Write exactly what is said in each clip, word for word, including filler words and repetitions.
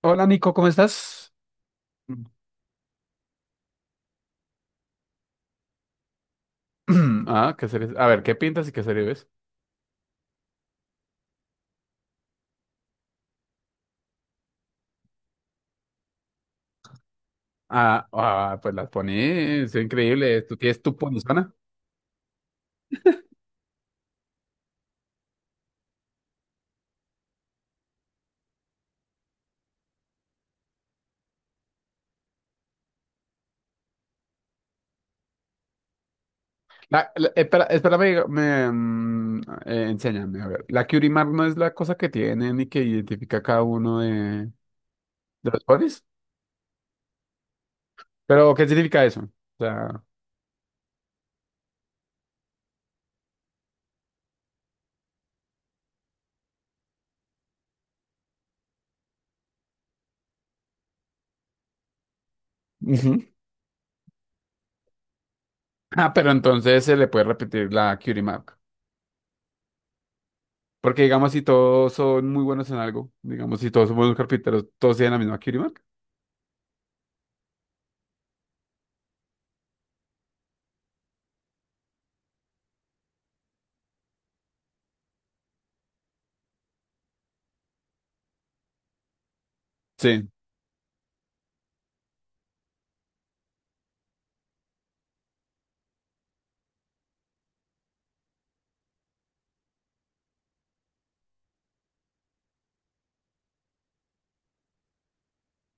Hola Nico, ¿cómo estás? Ah, ¿qué series? A ver, ¿qué pintas y qué series ves? Ah, ah, pues las pones, es increíble. ¿Tú tienes tu ponizona? La, la- espera, espérame, me, mm, eh, enséñame, a ver. ¿La Curie Mark no es la cosa que tienen y que identifica cada uno de, de los ponis? ¿Pero qué significa eso? O sea, ujú. Ah, pero entonces se le puede repetir la Curie Mark. Porque digamos si todos son muy buenos en algo, digamos si todos son buenos carpinteros, todos tienen la misma Curie Mark. Sí,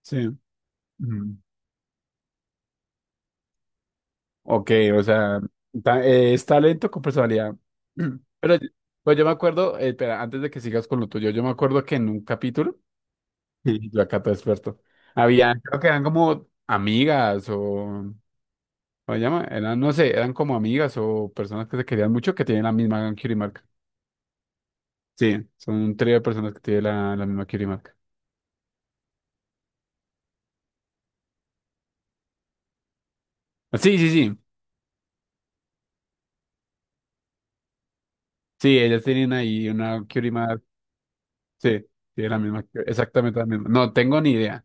sí. Ujú. Ok, o sea, ta- eh, es talento con personalidad. Pero, pero yo me acuerdo, eh, espera, antes de que sigas con lo tuyo, yo me acuerdo que en un capítulo, y yo acá todo experto, había, creo que eran como amigas o, ¿cómo se llama? Eran, no sé, eran como amigas o personas que se querían mucho que tienen la misma Mark. Sí, son un trío de personas que tienen la, la misma Mark. Sí, sí, sí, sí, ellas tienen ahí una Mark. Sí, tienen la misma, exactamente la misma. No tengo ni idea.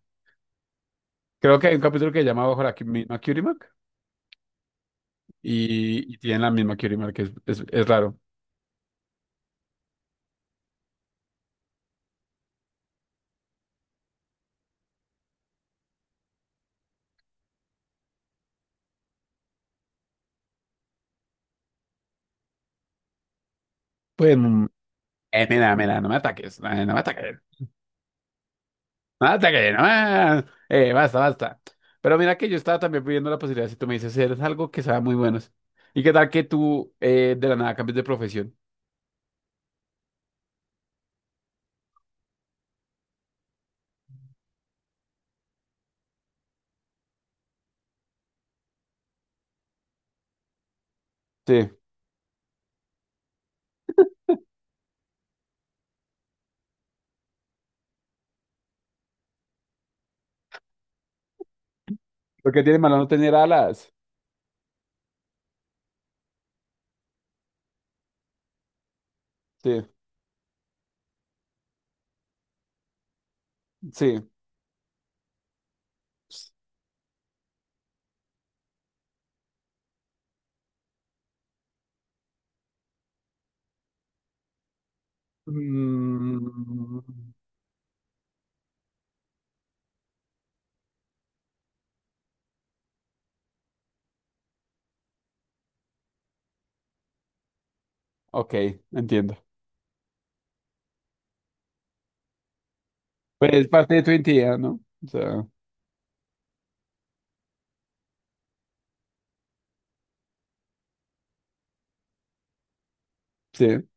Creo que hay un capítulo que se llama Bajo la cu- misma Curie Mark y, y tienen la misma Curie Mark, es, es, es raro. Pues, mm, eh, mira, mira, no me ataques, eh, no me ataques, no me ataques, no me- eh, basta, basta. Pero mira que yo estaba también pidiendo la posibilidad, si tú me dices, eres algo que sabe muy buenos. ¿Y qué tal que tú eh, de la nada cambies de profesión? Sí. Porque tiene malo no tener alas. Sí, sí. Mm, ok, entiendo. Pues es parte de tu identidad, ¿no? O sea, sí,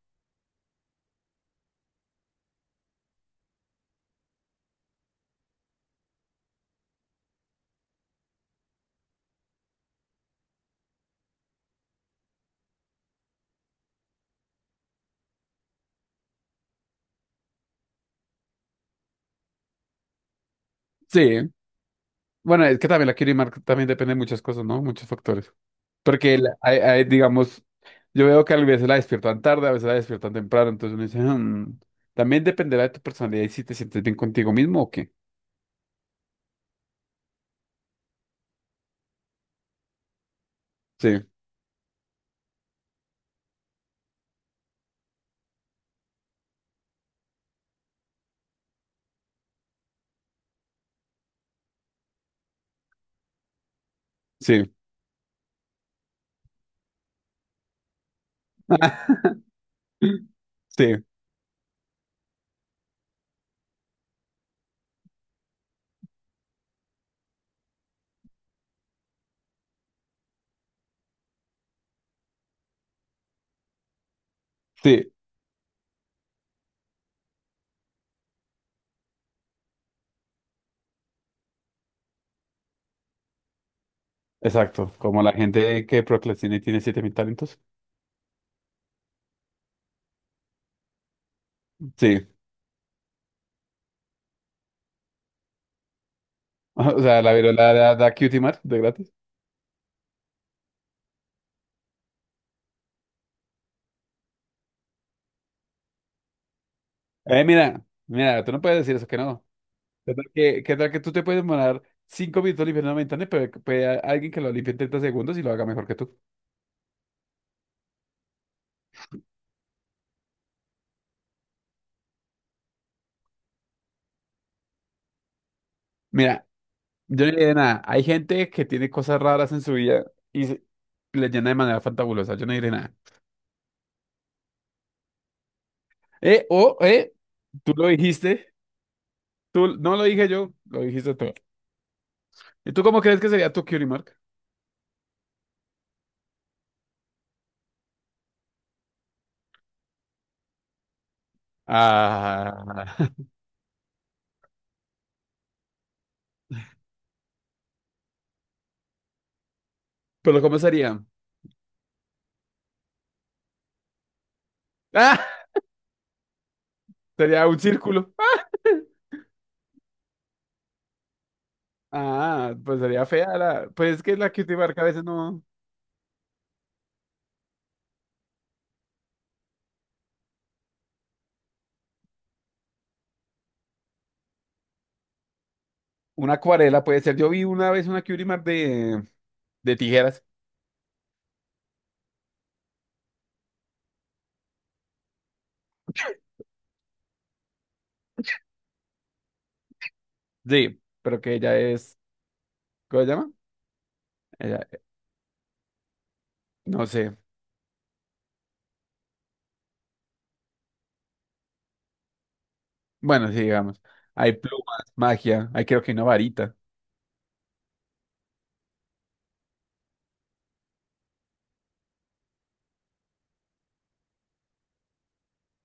sí. Bueno, es que también la Kirimark también depende de muchas cosas, ¿no? Muchos factores. Porque, la- hay, hay, digamos, yo veo que a veces la despiertan tarde, a veces la despiertan temprano, entonces uno dice, "Hmm, también dependerá de tu personalidad y si te sientes bien contigo mismo o qué". Sí, sí. Sí, sí, exacto. Como la gente que procrastina y tiene siete mil talentos. Sí. O sea, la virola da, da cutie mark de gratis. Eh, mira, mira, tú no puedes decir eso que no. ¿Qué tal que, ¿qué tal que tú te puedes demorar cinco minutos limpiando una ventana, pero que puede a- alguien que lo limpie en treinta segundos y lo haga mejor que tú? Mira, yo no diré nada. Hay gente que tiene cosas raras en su vida y se- le llena de manera fantabulosa. Yo no diré nada. Eh, o, eh, tú lo dijiste. Tú, no lo dije yo, lo dijiste tú. ¿Y tú cómo crees que sería tu cutie mark? Ah, pero ¿cómo sería? Ah, sería un círculo. Ah, pues sería fea la, pues es que la cutie mark a veces no. Una acuarela puede ser. Yo vi una vez una Curimar de, de tijeras. Sí, pero que ella es. ¿Cómo se llama? Ella- no sé. Bueno, sí, digamos. Hay plumas, magia, hay creo que una varita.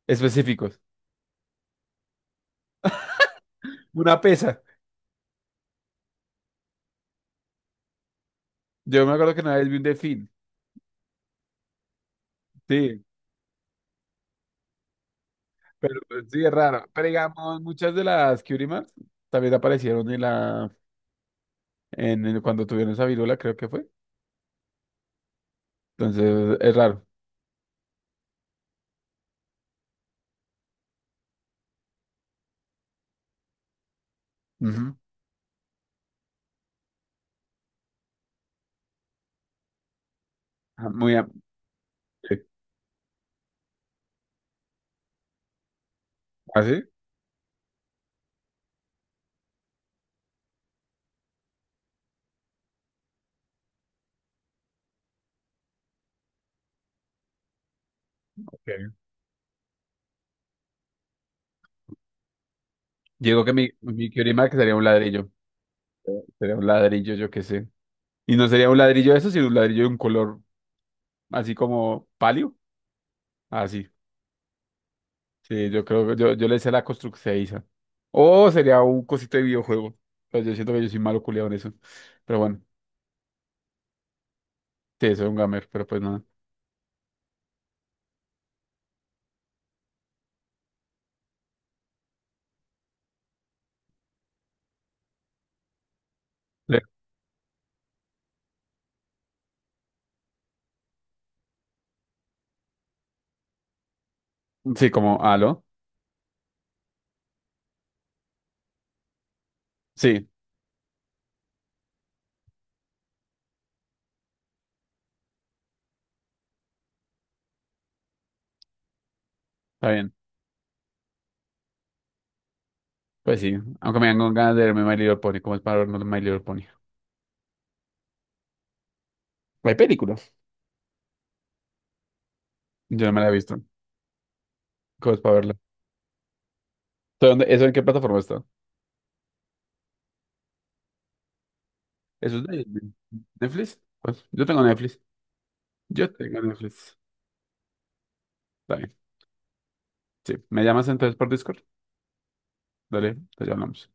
Específicos. Una pesa. Yo me acuerdo que una vez vi un delfín. Sí, pero pues, sí, es raro. Pero digamos, muchas de las Curimars también aparecieron en la. En, el- cuando tuvieron esa viruela, creo que fue. Entonces, es raro. Ujú. Ah, Muy. am- sí. ¿Ah, sí? Ok. Yo digo que mi, mi Curimar que sería un ladrillo. Sería un ladrillo, yo qué sé. Y no sería un ladrillo de eso, sino un ladrillo de un color así como palio. Así. Sí, yo creo que yo, yo le sé la construcción. O sería un cosito de videojuego. Pero yo siento que yo soy malo culiado en eso. Pero bueno, sí, soy un gamer, pero pues nada. Le- Sí, como, ¿aló? Sí, está bien. Pues sí, aunque me dan con ganas de verme My Little Pony. ¿Cómo es para verme My Little Pony? Hay películas. Yo no me la he visto. ¿Cómo es para verla? ¿Dónde- ¿Eso en qué plataforma está? ¿Eso es de de- Netflix? Pues yo tengo Netflix. Yo tengo Netflix. Está bien. Sí. ¿Me llamas entonces por Discord? Dale, te llamamos.